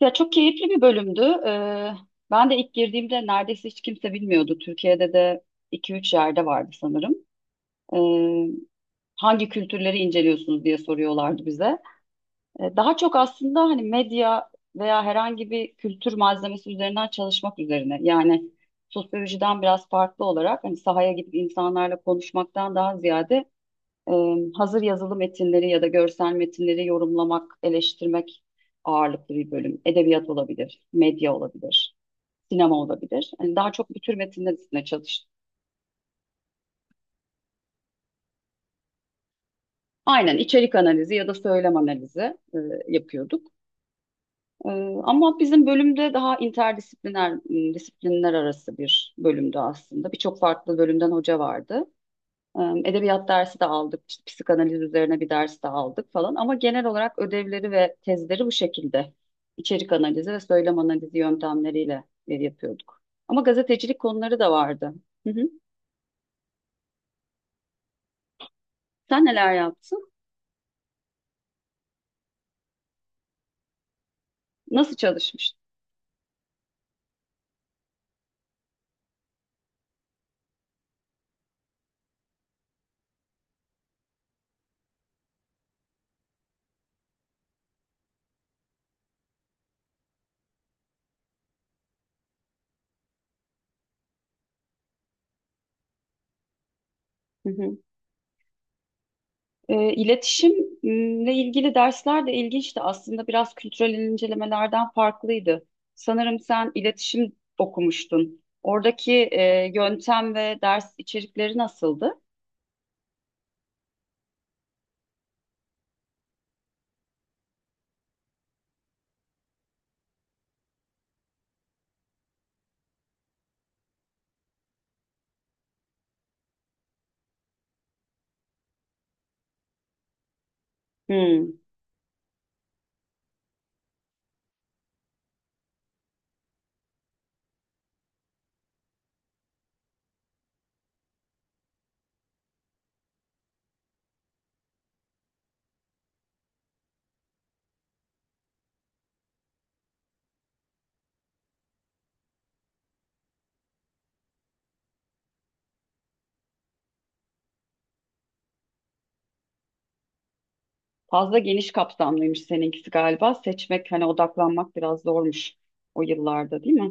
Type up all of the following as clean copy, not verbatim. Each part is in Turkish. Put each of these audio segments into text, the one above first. Ya çok keyifli bir bölümdü. Ben de ilk girdiğimde neredeyse hiç kimse bilmiyordu. Türkiye'de de iki üç yerde vardı sanırım. Ee, Hangi kültürleri inceliyorsunuz diye soruyorlardı bize. Daha çok aslında hani medya veya herhangi bir kültür malzemesi üzerinden çalışmak üzerine. Yani sosyolojiden biraz farklı olarak hani sahaya gidip insanlarla konuşmaktan daha ziyade e, hazır yazılı metinleri ya da görsel metinleri yorumlamak, eleştirmek ağırlıklı bir bölüm. Edebiyat olabilir, medya olabilir, sinema olabilir. Yani daha çok bu tür metinler üstüne çalıştık. Aynen içerik analizi ya da söylem analizi e, yapıyorduk. E, Ama bizim bölümde daha interdisipliner, disiplinler arası bir bölümdü aslında. Birçok farklı bölümden hoca vardı. Edebiyat dersi de aldık, işte psikanaliz üzerine bir ders de aldık falan. Ama genel olarak ödevleri ve tezleri bu şekilde. İçerik analizi ve söylem analizi yöntemleriyle yapıyorduk. Ama gazetecilik konuları da vardı. Hı hı. Sen neler yaptın? Nasıl çalışmıştın? Hı hı. İletişimle ilgili dersler de ilginçti. Aslında biraz kültürel incelemelerden farklıydı. Sanırım sen iletişim okumuştun. Oradaki yöntem ve ders içerikleri nasıldı? Hmm, Fazla geniş kapsamlıymış seninkisi galiba. Seçmek, hani odaklanmak biraz zormuş o yıllarda, değil mi?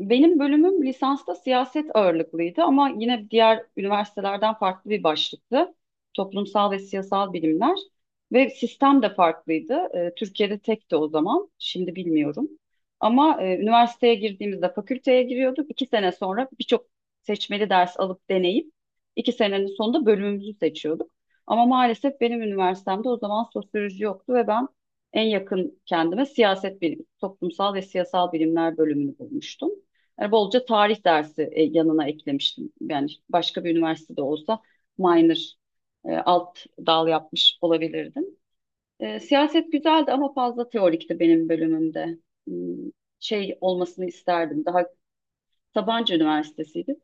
Benim bölümüm lisansta siyaset ağırlıklıydı ama yine diğer üniversitelerden farklı bir başlıktı. Toplumsal ve siyasal bilimler ve sistem de farklıydı. Türkiye'de tekti o zaman, şimdi bilmiyorum. Ama üniversiteye girdiğimizde fakülteye giriyorduk. İki sene sonra birçok seçmeli ders alıp deneyip iki senenin sonunda bölümümüzü seçiyorduk. Ama maalesef benim üniversitemde o zaman sosyoloji yoktu ve ben en yakın kendime siyaset bilimi, toplumsal ve siyasal bilimler bölümünü bulmuştum. Yani bolca tarih dersi yanına eklemiştim. Yani başka bir üniversitede olsa minor alt dal yapmış olabilirdim. Siyaset güzeldi ama fazla teorikti benim bölümümde. Hmm, Şey olmasını isterdim. Daha Sabancı Üniversitesi'ydi.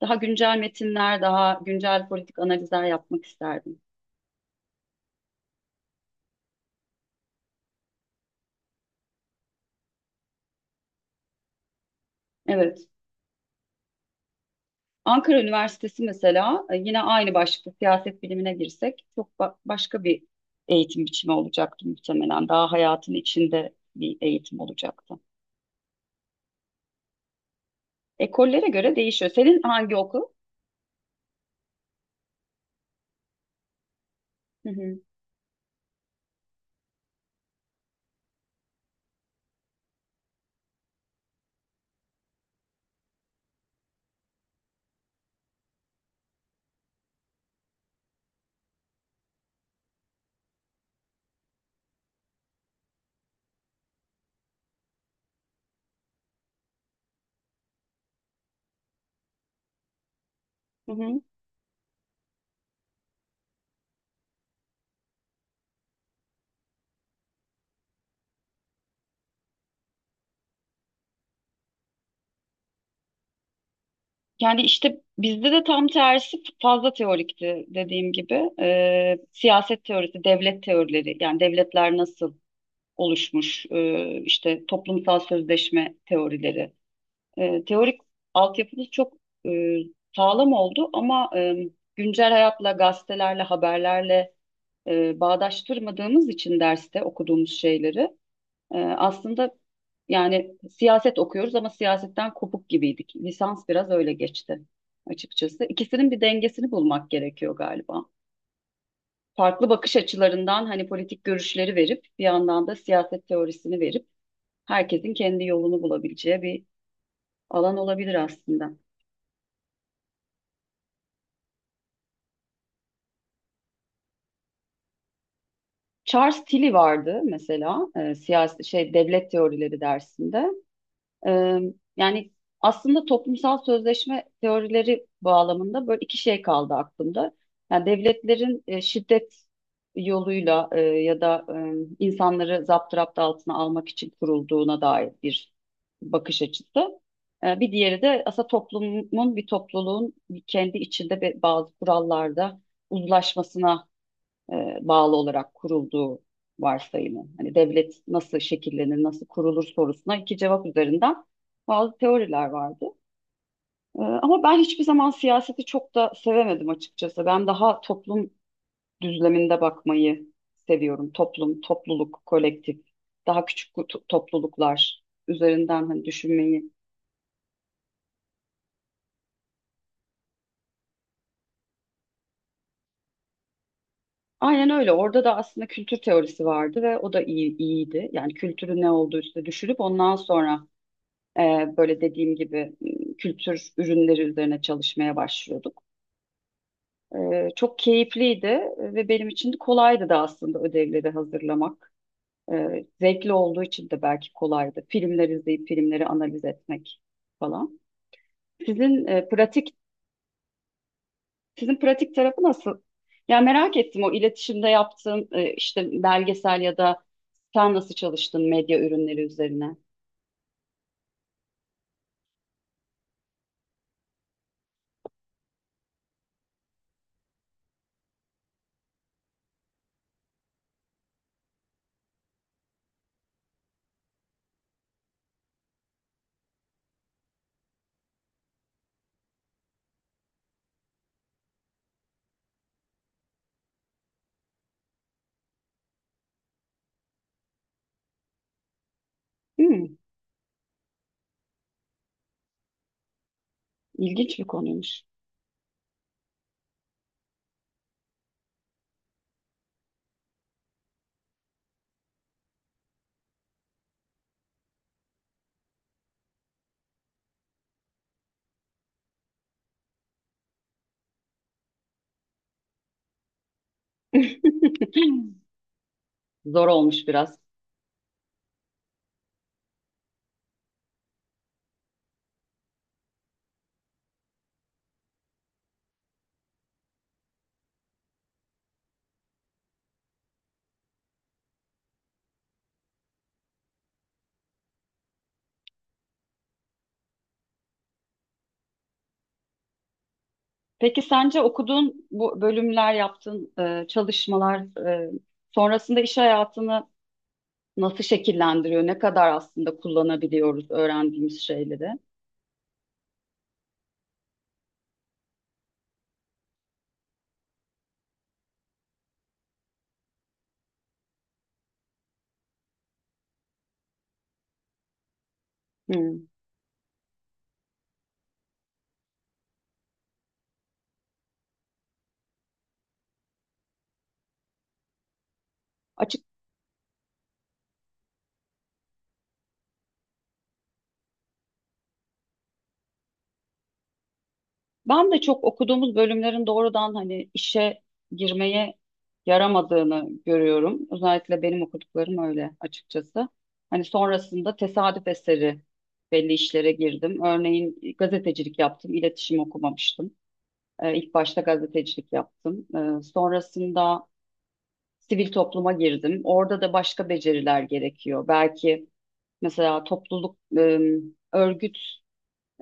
Daha güncel metinler, daha güncel politik analizler yapmak isterdim. Evet. Ankara Üniversitesi mesela yine aynı başlıkta siyaset bilimine girsek çok başka bir eğitim biçimi olacaktı muhtemelen. Daha hayatın içinde bir eğitim olacaktı. Ekollere göre değişiyor. Senin hangi okul? Hı hı. Hı hı. Yani işte bizde de tam tersi fazla teorikti dediğim gibi. Siyaset teorisi, devlet teorileri yani devletler nasıl oluşmuş, işte toplumsal sözleşme teorileri. Teorik altyapınız çok e, sağlam oldu ama güncel hayatla, gazetelerle, haberlerle bağdaştırmadığımız için derste okuduğumuz şeyleri aslında yani siyaset okuyoruz ama siyasetten kopuk gibiydik. Lisans biraz öyle geçti açıkçası. İkisinin bir dengesini bulmak gerekiyor galiba. Farklı bakış açılarından hani politik görüşleri verip bir yandan da siyaset teorisini verip herkesin kendi yolunu bulabileceği bir alan olabilir aslında. Charles Tilly vardı mesela siyasi şey devlet teorileri dersinde. E, Yani aslında toplumsal sözleşme teorileri bağlamında böyle iki şey kaldı aklımda. Yani devletlerin şiddet yoluyla ya da insanları zapturapt altına almak için kurulduğuna dair bir bakış açısı. Bir diğeri de aslında toplumun bir topluluğun kendi içinde bazı kurallarda uzlaşmasına bağlı olarak kurulduğu varsayımı. Hani devlet nasıl şekillenir, nasıl kurulur sorusuna iki cevap üzerinden bazı teoriler vardı. Ama ben hiçbir zaman siyaseti çok da sevemedim açıkçası. Ben daha toplum düzleminde bakmayı seviyorum. Toplum, topluluk, kolektif, daha küçük topluluklar üzerinden hani düşünmeyi. Aynen öyle. Orada da aslında kültür teorisi vardı ve o da iyiydi. Yani kültürün ne olduğu üstüne düşünüp ondan sonra böyle dediğim gibi kültür ürünleri üzerine çalışmaya başlıyorduk. Çok keyifliydi ve benim için de kolaydı da aslında ödevleri hazırlamak. Zevkli olduğu için de belki kolaydı. Filmler izleyip filmleri analiz etmek falan. Sizin e, pratik sizin pratik tarafı nasıl? Ya merak ettim o iletişimde yaptığın işte belgesel ya da sen nasıl çalıştın medya ürünleri üzerine? Hmm, ilginç bir konuymuş. Zor olmuş biraz. Peki sence okuduğun bu bölümler, yaptığın çalışmalar e, sonrasında iş hayatını nasıl şekillendiriyor? Ne kadar aslında kullanabiliyoruz öğrendiğimiz şeyleri? Hmm. Açık. Ben de çok okuduğumuz bölümlerin doğrudan hani işe girmeye yaramadığını görüyorum. Özellikle benim okuduklarım öyle açıkçası. Hani sonrasında tesadüf eseri belli işlere girdim. Örneğin gazetecilik yaptım, iletişim okumamıştım. İlk başta gazetecilik yaptım. Sonrasında sivil topluma girdim. Orada da başka beceriler gerekiyor. Belki mesela topluluk, örgüt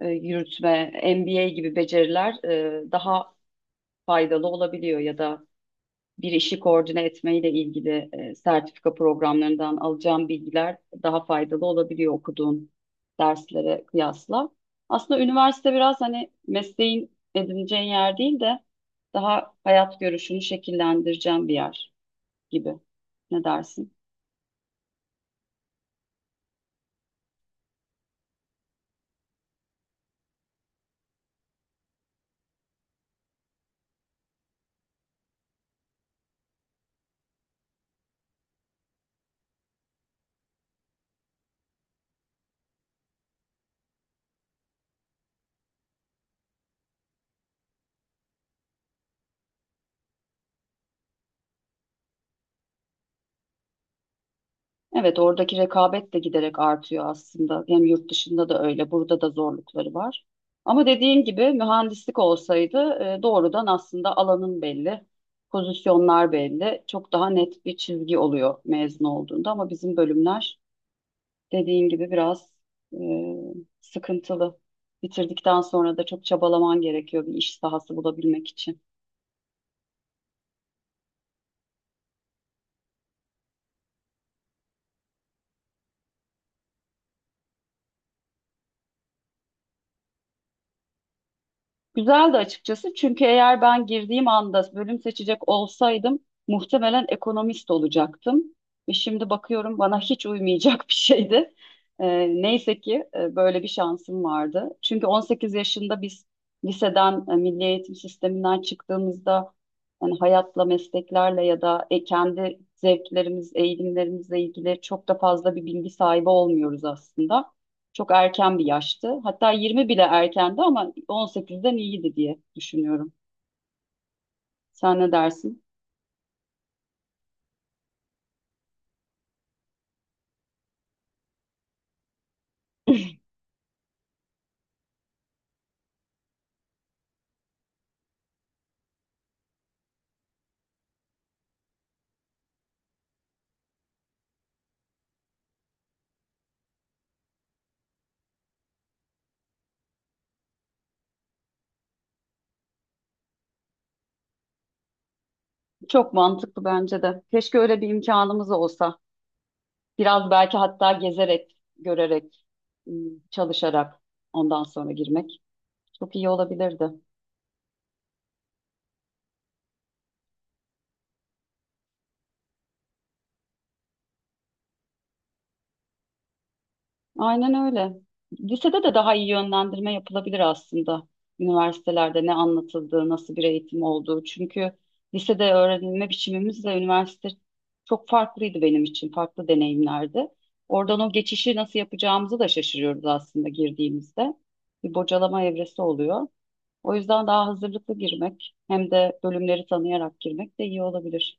yürütme, MBA gibi beceriler daha faydalı olabiliyor ya da bir işi koordine etmeyle ilgili sertifika programlarından alacağım bilgiler daha faydalı olabiliyor okuduğun derslere kıyasla. Aslında üniversite biraz hani mesleğin edineceğin yer değil de daha hayat görüşünü şekillendireceğin bir yer gibi. Ne dersin? Evet, oradaki rekabet de giderek artıyor aslında. Hem yurt dışında da öyle, burada da zorlukları var. Ama dediğin gibi mühendislik olsaydı doğrudan aslında alanın belli, pozisyonlar belli, çok daha net bir çizgi oluyor mezun olduğunda. Ama bizim bölümler dediğin gibi biraz e, sıkıntılı. Bitirdikten sonra da çok çabalaman gerekiyor bir iş sahası bulabilmek için. Güzeldi açıkçası çünkü eğer ben girdiğim anda bölüm seçecek olsaydım muhtemelen ekonomist olacaktım. Ve şimdi bakıyorum bana hiç uymayacak bir şeydi. Neyse ki böyle bir şansım vardı. Çünkü 18 yaşında biz liseden, milli eğitim sisteminden çıktığımızda yani hayatla, mesleklerle ya da kendi zevklerimiz, eğilimlerimizle ilgili çok da fazla bir bilgi sahibi olmuyoruz aslında. Çok erken bir yaştı. Hatta 20 bile erkendi ama 18'den iyiydi diye düşünüyorum. Sen ne dersin? Çok mantıklı bence de. Keşke öyle bir imkanımız olsa. Biraz belki hatta gezerek, görerek, çalışarak ondan sonra girmek çok iyi olabilirdi. Aynen öyle. Lisede de daha iyi yönlendirme yapılabilir aslında. Üniversitelerde ne anlatıldığı, nasıl bir eğitim olduğu. Çünkü lisede öğrenilme biçimimizle üniversite çok farklıydı benim için, farklı deneyimlerdi. Oradan o geçişi nasıl yapacağımızı da şaşırıyoruz aslında girdiğimizde. Bir bocalama evresi oluyor. O yüzden daha hazırlıklı girmek hem de bölümleri tanıyarak girmek de iyi olabilir.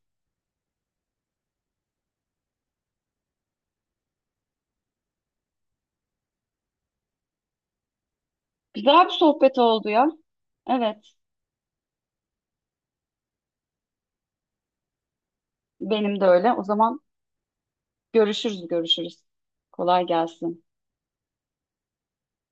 Güzel bir sohbet oldu ya. Evet, benim de öyle. O zaman görüşürüz, görüşürüz. Kolay gelsin.